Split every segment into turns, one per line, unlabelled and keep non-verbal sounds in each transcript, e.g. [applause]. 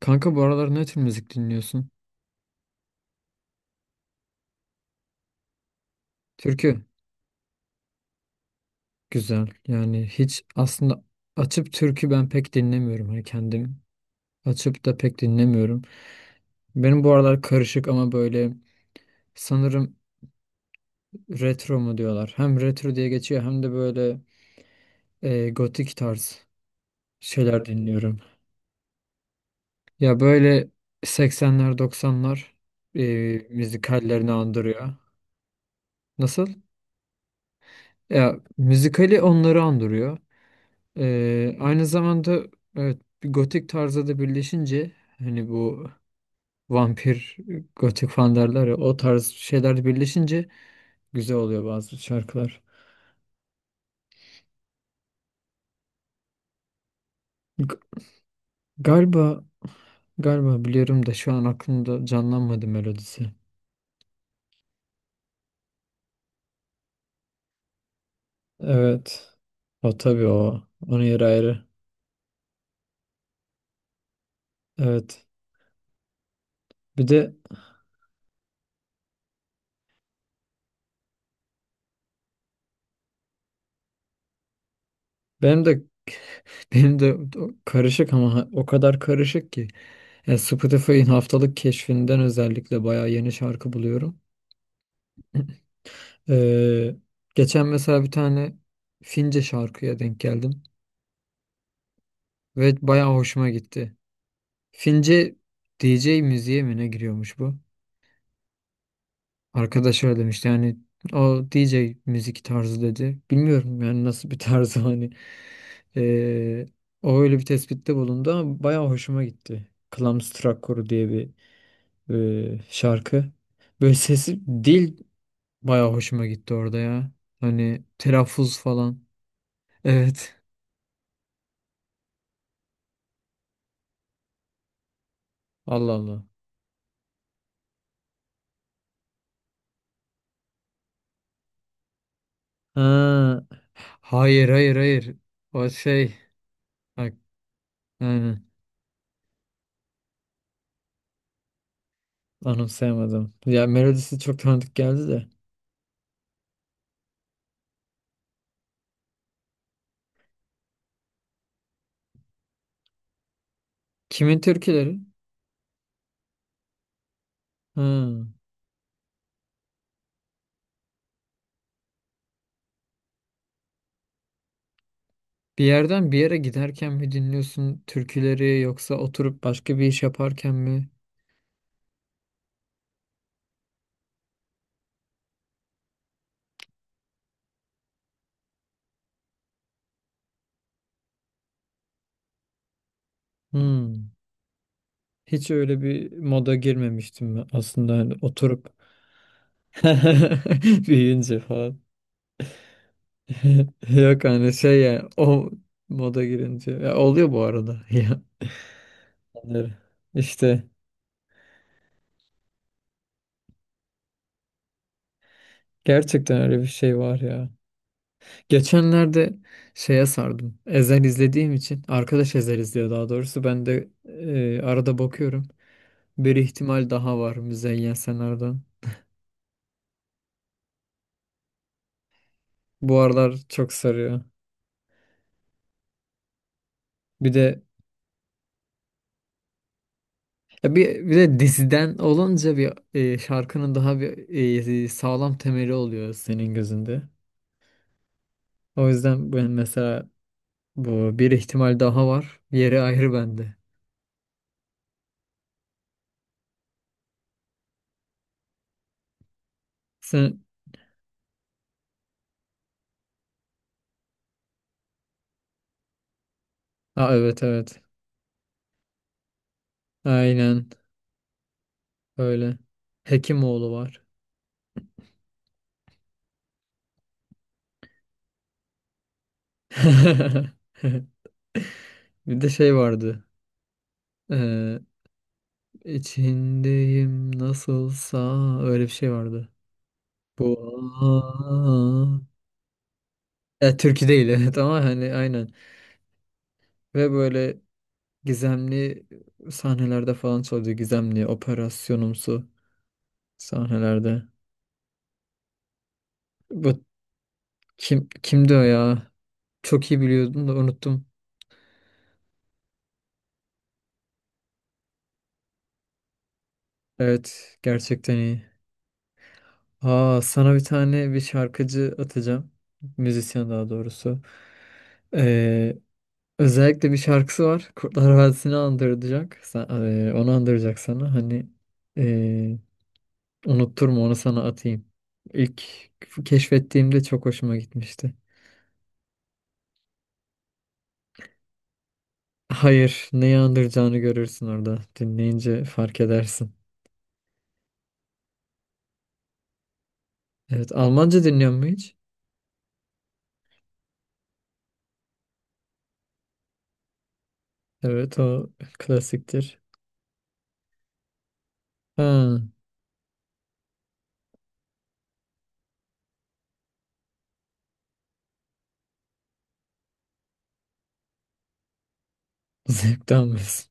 Kanka bu aralar ne tür müzik dinliyorsun? Türkü güzel. Yani hiç aslında açıp türkü ben pek dinlemiyorum. Hani kendim açıp da pek dinlemiyorum. Benim bu aralar karışık ama böyle sanırım retro mu diyorlar. Hem retro diye geçiyor hem de böyle gotik tarz şeyler dinliyorum. Ya böyle 80'ler 90'lar e, müzikallerini andırıyor. Nasıl? Ya müzikali onları andırıyor. Aynı zamanda evet bir gotik tarzda da birleşince hani bu vampir gotik falan derler ya o tarz şeyler de birleşince güzel oluyor bazı şarkılar. G- galiba galiba biliyorum da şu an aklımda canlanmadı melodisi. Evet. O tabii o. Onun yeri ayrı. Evet. Bir de benim de [laughs] benim de karışık ama o kadar karışık ki. Yani Spotify'ın haftalık keşfinden özellikle bayağı yeni şarkı buluyorum. [clears throat] Ee, geçen mesela bir tane Fince şarkıya denk geldim ve bayağı hoşuma gitti. Fince DJ müziğe mi ne giriyormuş bu? Arkadaş öyle demişti yani o DJ müzik tarzı dedi. Bilmiyorum yani nasıl bir tarzı [laughs] hani. Ee, o öyle bir tespitte bulundu ama bayağı hoşuma gitti. Klamstrak Koru diye bir şarkı. Böyle sesi dil bayağı hoşuma gitti orada ya. Hani telaffuz falan. Evet. Allah Allah. Ha, hayır hayır hayır. O şey. Bak, aynen. Anımsayamadım. Ya melodisi çok tanıdık geldi de. Kimin türküleri? Ha. Bir yerden bir yere giderken mi dinliyorsun türküleri yoksa oturup başka bir iş yaparken mi? Hmm. Hiç öyle bir moda girmemiştim ben aslında hani oturup [laughs] büyüyünce falan. [laughs] Yok hani şey yani o moda girince. Ya oluyor bu arada. [laughs] Ya. Anlıyorum. İşte. Gerçekten öyle bir şey var ya. Geçenlerde şeye sardım. Ezel izlediğim için. Arkadaş Ezel izliyor daha doğrusu. Ben de arada bakıyorum. Bir ihtimal daha var Müzeyyen Senar'dan. Bu aralar çok sarıyor. Bir de ya bir de diziden olunca bir şarkının daha bir sağlam temeli oluyor senin gözünde. O yüzden ben mesela bu bir ihtimal daha var. Yeri ayrı bende. Sen. Aa, evet evet. Aynen. Öyle. Hekimoğlu var. [laughs] Bir de şey vardı. Ee, içindeyim nasılsa öyle bir şey vardı. Bu ya türkü değil evet ama hani aynen. Ve böyle gizemli sahnelerde falan çalıyordu. Gizemli operasyonumsu sahnelerde. Bu kimdi o ya? Çok iyi biliyordum da unuttum. Evet, gerçekten iyi. Aa, sana bir tane bir şarkıcı atacağım. Müzisyen daha doğrusu. Ee, özellikle bir şarkısı var. Kurtlar Vadisi'ni andıracak. Sen, onu andıracak sana. Hani ee, unutturma onu sana atayım. İlk keşfettiğimde çok hoşuma gitmişti. Hayır, neyi andıracağını görürsün orada. Dinleyince fark edersin. Evet, Almanca dinliyor mu hiç? Evet, o klasiktir. Ha, [laughs] zevk almıyorsun.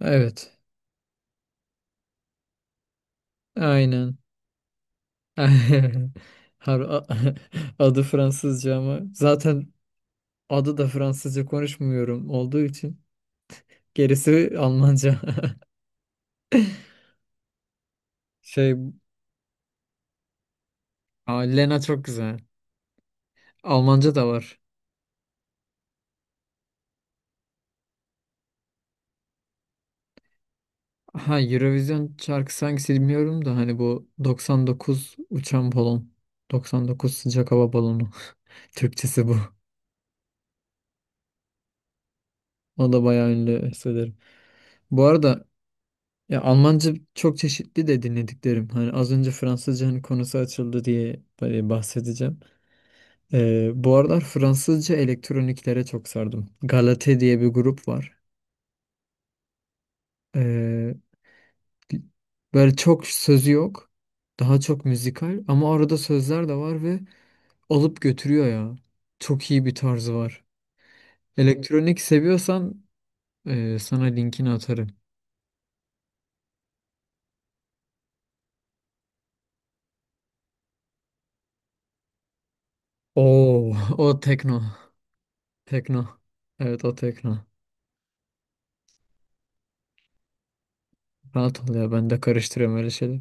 Evet, aynen. [laughs] Har a- [laughs] adı Fransızca ama zaten adı da Fransızca konuşmuyorum olduğu için gerisi Almanca. [laughs] Şey, aa, Lena çok güzel. Almanca da var. Ha, Eurovision şarkısı hangisi bilmiyorum da hani bu 99 uçan balon. 99 sıcak hava balonu. [laughs] Türkçesi bu. O da bayağı ünlü söylerim. Bu arada ya Almanca çok çeşitli de dinlediklerim. Hani az önce Fransızca hani konusu açıldı diye bahsedeceğim. Bu aralar Fransızca elektroniklere çok sardım. Galate diye bir grup var. Ee, böyle çok sözü yok. Daha çok müzikal ama arada sözler de var ve alıp götürüyor ya. Çok iyi bir tarzı var. Elektronik seviyorsan sana linkini atarım. Oo, [laughs] o tekno. Tekno. Evet, o tekno. Rahat ol ya ben de karıştırıyorum öyle şeyleri.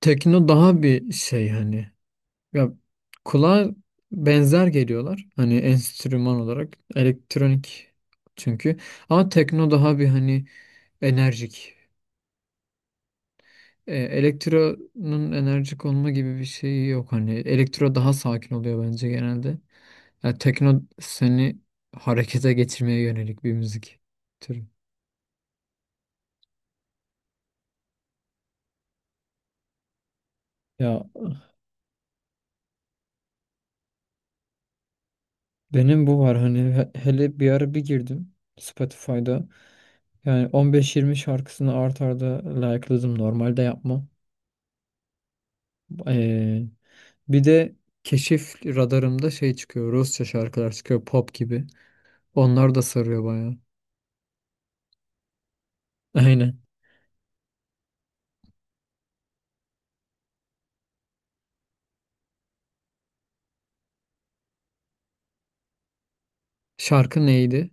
Tekno daha bir şey hani. Ya kulağa benzer geliyorlar. Hani enstrüman olarak elektronik çünkü. Ama tekno daha bir hani enerjik. E, elektronun enerjik olma gibi bir şeyi yok. Hani elektro daha sakin oluyor bence genelde. Ya tekno seni harekete getirmeye yönelik bir müzik türü. Ya benim bu var hani hele bir ara bir girdim Spotify'da. Yani 15-20 şarkısını art arda like'ladım. Normalde yapmam. Ee, bir de keşif radarımda şey çıkıyor. Rusça şarkılar çıkıyor pop gibi. Onlar da sarıyor bayağı. [laughs] Aynen. Şarkı neydi?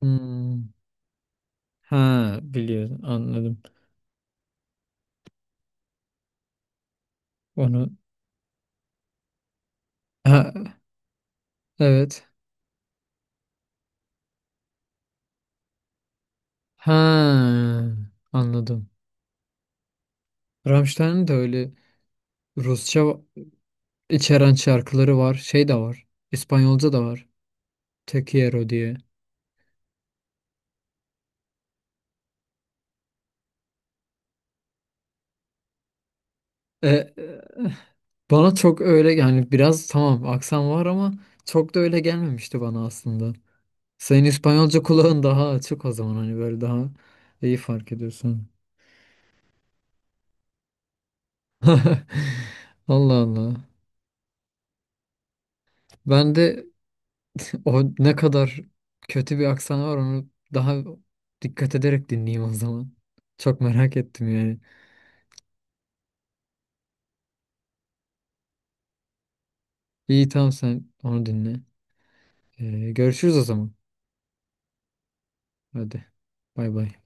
Hmm. Ha, biliyorum, anladım. Onu ha, evet. Ha, anladım. Rammstein'in de öyle Rusça içeren şarkıları var. Şey de var. İspanyolca da var. Te quiero diye. E, bana çok öyle yani biraz tamam aksan var ama çok da öyle gelmemişti bana aslında. Senin İspanyolca [laughs] kulağın daha açık o zaman hani böyle daha iyi fark ediyorsun. [laughs] Allah Allah. Ben de [laughs] o ne kadar kötü bir aksan var onu daha dikkat ederek dinleyeyim o zaman. Çok merak ettim yani. İyi, tamam, sen onu dinle. Görüşürüz o zaman. Hadi. Bay bay.